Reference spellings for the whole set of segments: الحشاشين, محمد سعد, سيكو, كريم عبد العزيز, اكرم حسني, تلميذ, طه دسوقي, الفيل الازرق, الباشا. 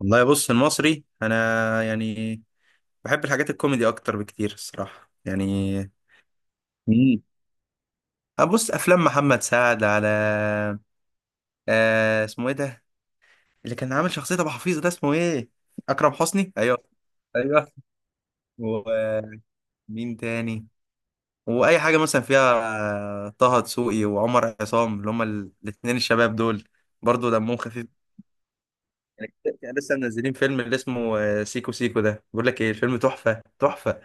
والله بص المصري، انا يعني بحب الحاجات الكوميدي اكتر بكتير الصراحه يعني. مم. ابص افلام محمد سعد على. اسمه ايه ده اللي كان عامل شخصيه ابو حفيظ؟ ده اسمه ايه؟ اكرم حسني، ايوه. ايوه، ومين تاني؟ واي حاجه مثلا فيها. طه دسوقي وعمر عصام، اللي هما الاثنين الشباب دول برضو دمهم خفيف يعني. كان لسه منزلين فيلم اللي اسمه سيكو سيكو ده، بقول لك ايه، الفيلم تحفه تحفه.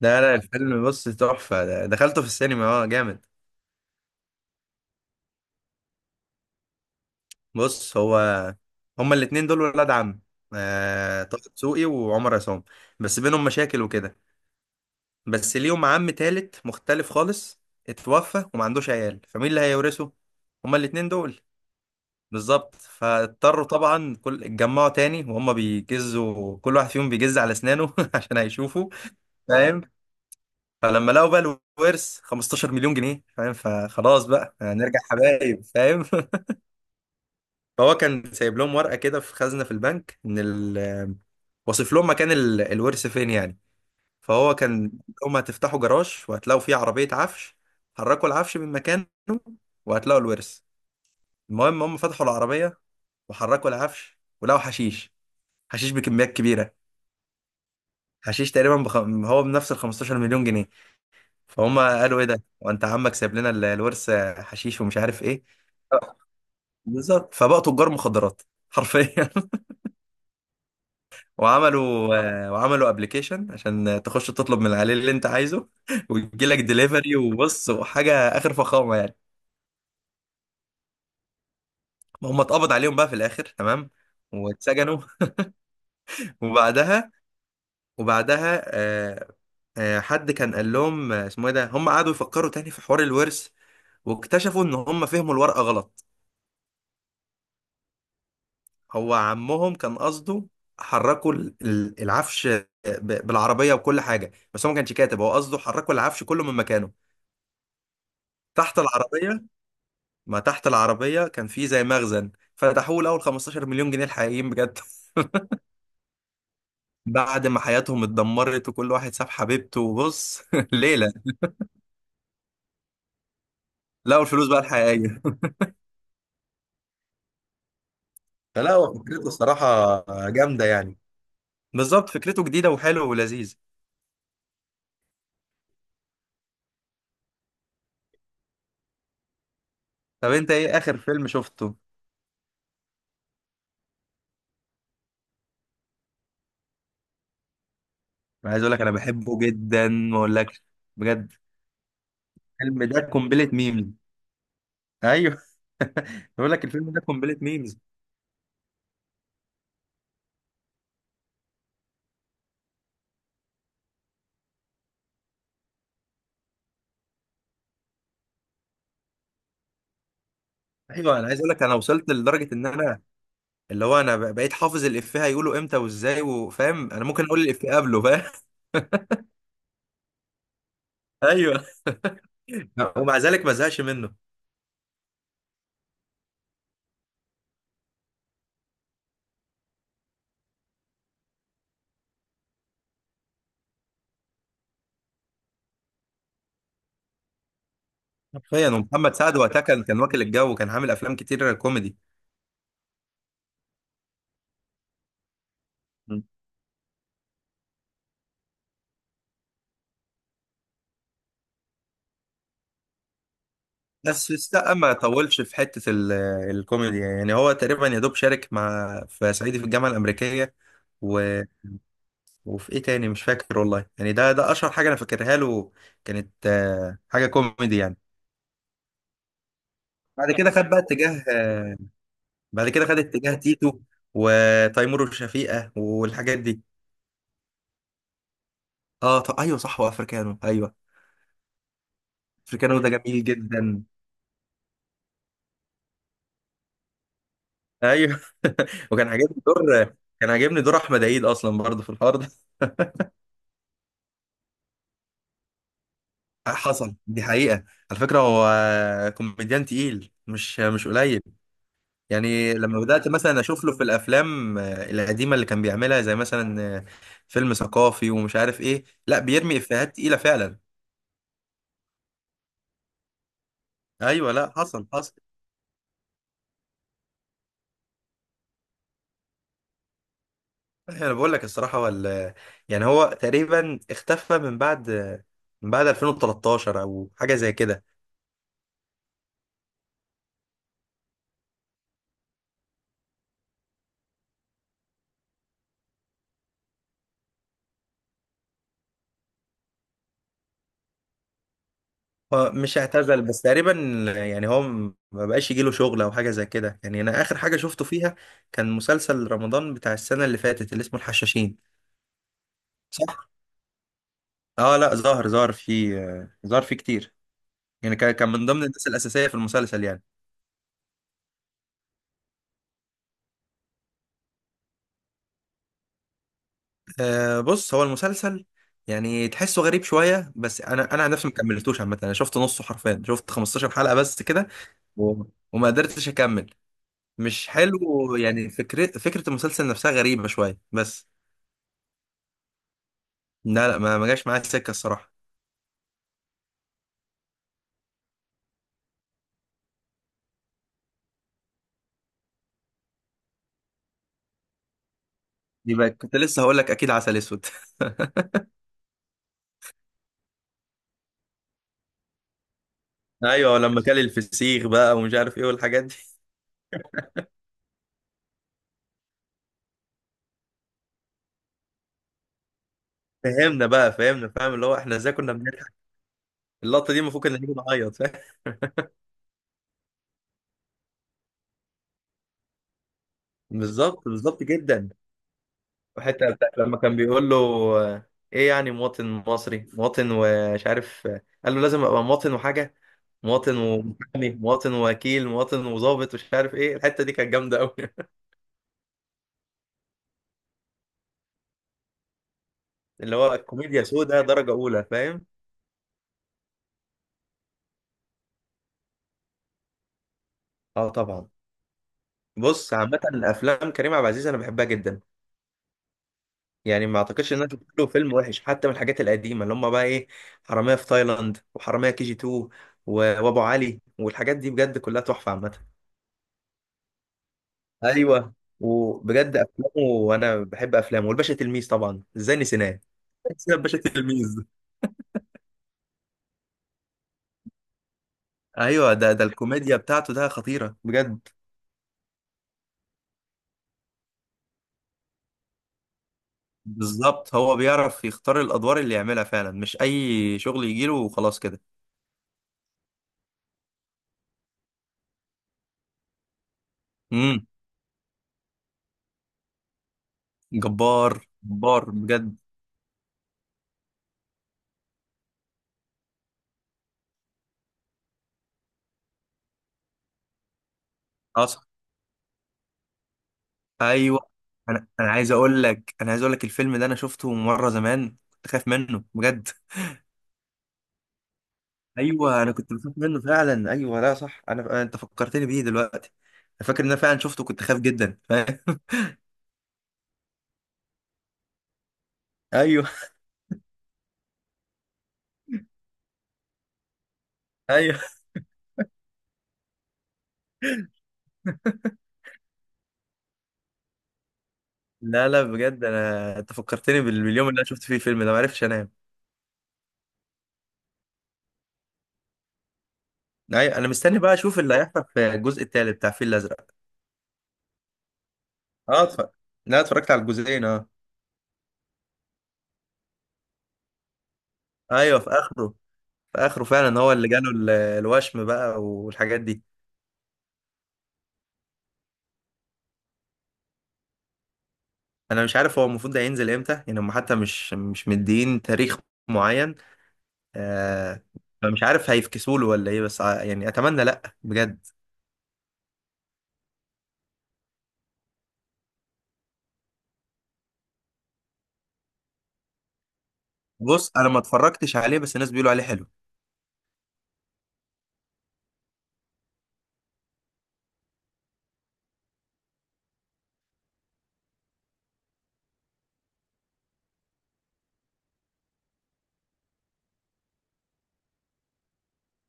لا لا الفيلم بص تحفة، دخلته في السينما، اه جامد. بص هو هما الاتنين دول ولاد عم، طه دسوقي وعمر عصام، بس بينهم مشاكل وكده. بس ليهم عم تالت مختلف خالص، اتوفى وما عندوش عيال، فمين اللي هيورثه؟ هما الاتنين دول. بالظبط فاضطروا طبعا كل اتجمعوا تاني، وهما بيجزوا كل واحد فيهم بيجز على اسنانه عشان هيشوفوا. فاهم؟ فلما لقوا بقى الورث 15 مليون جنيه، فاهم، فخلاص بقى هنرجع حبايب، فاهم فهو كان سايب لهم ورقة كده في خزنة في البنك، إن واصف لهم مكان الورث فين يعني. فهو كان هم هتفتحوا جراج وهتلاقوا فيه عربية عفش، حركوا العفش من مكانه وهتلاقوا الورث. المهم هم فتحوا العربية وحركوا العفش، ولقوا حشيش، حشيش بكميات كبيرة. حشيش تقريبا هو بنفس ال 15 مليون جنيه. فهم قالوا ايه ده، وانت عمك سايب لنا الورث حشيش ومش عارف ايه؟ آه، بالظبط، فبقوا تجار مخدرات حرفيا. وعملوا وعملوا ابلكيشن عشان تخش تطلب من عليه اللي انت عايزه ويجي لك ديليفري وبص، وحاجه اخر فخامه يعني. هم اتقبض عليهم بقى في الاخر تمام، واتسجنوا وبعدها وبعدها حد كان قال لهم اسمه ايه ده، هم قعدوا يفكروا تاني في حوار الورث، واكتشفوا ان هم فهموا الورقه غلط. هو عمهم كان قصده حركوا العفش بالعربيه وكل حاجه، بس هو ما كانش كاتب. هو قصده حركوا العفش كله من مكانه. تحت العربيه، ما تحت العربية كان في زي مخزن، فتحوه لأول 15 مليون جنيه الحقيقيين بجد بعد ما حياتهم اتدمرت، وكل واحد ساب حبيبته وبص ليلة. لقوا الفلوس بقى الحقيقية فلا، هو فكرته الصراحة جامدة يعني، بالظبط، فكرته جديدة وحلوة ولذيذ. طب انت ايه آخر فيلم شفته؟ أنا عايز اقول لك انا بحبه جدا ما اقولكش، بجد الفيلم ده قنبلة ميم. ايوه بقول لك الفيلم ده قنبلة ميمز. ايوه، انا عايز اقول لك انا وصلت لدرجة ان انا اللي هو انا بقيت حافظ الافيه هيقوله امتى وازاي، وفاهم انا ممكن اقول الافيه قبله، فاهم ايوه، ومع ذلك ما زهقش منه. حرفيا، ومحمد سعد وقتها كان واكل الجو، وكان عامل افلام كتير كوميدي. بس السقا ما طولش في حته الكوميدي يعني، هو تقريبا يا دوب شارك مع في صعيدي في الجامعه الامريكيه و... وفي ايه تاني مش فاكر والله، يعني ده اشهر حاجه انا فاكرها له، كانت حاجه كوميدي يعني. بعد كده خد بقى اتجاه آه، بعد كده خد اتجاه تيتو وتيمور وشفيقة والحاجات دي. اه طب ايوه صح، وافريكانو ايوه، افريكانو ده جميل جدا. ايوه وكان عاجبني دور كان عاجبني دور احمد عيد اصلا برضه في الحوار ده حصل، دي حقيقة. على فكرة هو كوميديان تقيل، مش قليل. يعني لما بدأت مثلا اشوف له في الافلام القديمة اللي كان بيعملها، زي مثلا فيلم ثقافي ومش عارف ايه، لا بيرمي افيهات تقيلة فعلا. ايوه، لا حصل حصل. انا بقول لك الصراحه، ولا يعني، هو تقريبا اختفى من بعد من بعد 2013، او حاجه زي كده. هو مش اعتزل بس تقريبا، يعني هو ما بقاش يجيله شغل او حاجه زي كده يعني. انا اخر حاجه شفته فيها كان مسلسل رمضان بتاع السنه اللي فاتت، اللي اسمه الحشاشين. صح، اه لا ظهر فيه، ظهر فيه كتير. يعني كان من ضمن الناس الاساسيه في المسلسل يعني. بص هو المسلسل يعني تحسه غريب شويه، بس انا، عن نفسي ما كملتوش عامه. انا شفت نصه حرفيا، شفت 15 حلقه بس كده، و- وما قدرتش اكمل. مش حلو يعني، فكرة المسلسل نفسها غريبة شوية بس. لا لا، ما جاش معايا السكة الصراحة. يبقى كنت لسه هقول لك اكيد عسل اسود ايوه، لما كان الفسيخ بقى ومش عارف ايه والحاجات دي. فهمنا بقى فهمنا، فاهم اللي هو احنا ازاي كنا بنضحك. اللقطة دي المفروض كنا نيجي نعيط، فاهم؟ بالظبط، بالظبط جدا. وحتى بتاعت لما كان بيقول له آه، ايه يعني مواطن مصري مواطن، ومش عارف، قال له لازم ابقى مواطن وحاجة. مواطن ومحامي، مواطن ووكيل، مواطن وظابط، مش عارف ايه، الحته دي كانت جامده قوي اللي هو كوميديا سودا درجه اولى، فاهم؟ اه طبعا. بص عامه الافلام كريم عبد العزيز انا بحبها جدا، يعني ما اعتقدش ان انا شفت له فيلم وحش، حتى من الحاجات القديمه اللي هم بقى ايه، حراميه في تايلاند، وحراميه كي جي 2 وابو علي والحاجات دي، بجد كلها تحفه عامه. ايوه، وبجد افلامه، وانا بحب افلامه، والباشا تلميذ طبعا ازاي نسيناه، نسينا الباشا تلميذ. ايوه، ده الكوميديا بتاعته ده خطيره بجد. بالظبط، هو بيعرف يختار الادوار اللي يعملها فعلا، مش اي شغل يجيله وخلاص كده. امم جبار، جبار بجد. حصل. ايوه، انا عايز اقول لك، الفيلم ده انا شفته مره زمان، كنت خايف منه بجد. ايوه، انا كنت بخاف منه فعلا، ايوه لا صح، انت فكرتني بيه دلوقتي. انا فاكر ان انا فعلا شفته، كنت خايف جدا، فاهم ايوه ايوه، لا لا بجد، انت فكرتني باليوم اللي انا شفت فيه الفيلم ده، ما عرفتش انام. ايوه، انا مستني بقى اشوف اللي هيحصل في الجزء التالت بتاع الفيل الازرق. اه اتفرج، لا اتفرجت على الجزئين اه. ايوه، في اخره، في اخره فعلا هو اللي جاله الوشم بقى والحاجات دي. انا مش عارف هو المفروض ده ينزل امتى يعني، هم حتى مش مدين تاريخ معين. آه فمش عارف هيفكسوا له ولا ايه، بس يعني اتمنى لا بجد. بص انا ما اتفرجتش عليه، بس الناس بيقولوا عليه حلو.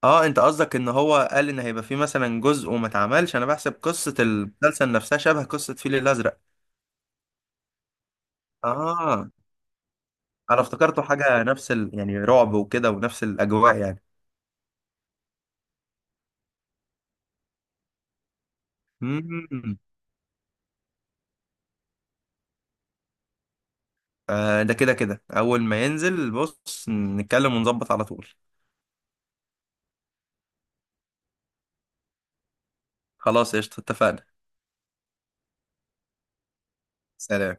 اه، انت قصدك ان هو قال ان هيبقى فيه مثلا جزء وما اتعملش؟ انا بحسب قصة المسلسل نفسها شبه قصة فيل الازرق. اه، انا افتكرته حاجة نفس يعني رعب وكده ونفس الاجواء يعني. مم. ده كده كده أول ما ينزل بص نتكلم ونظبط على طول. خلاص قشطة اتفقنا. سلام.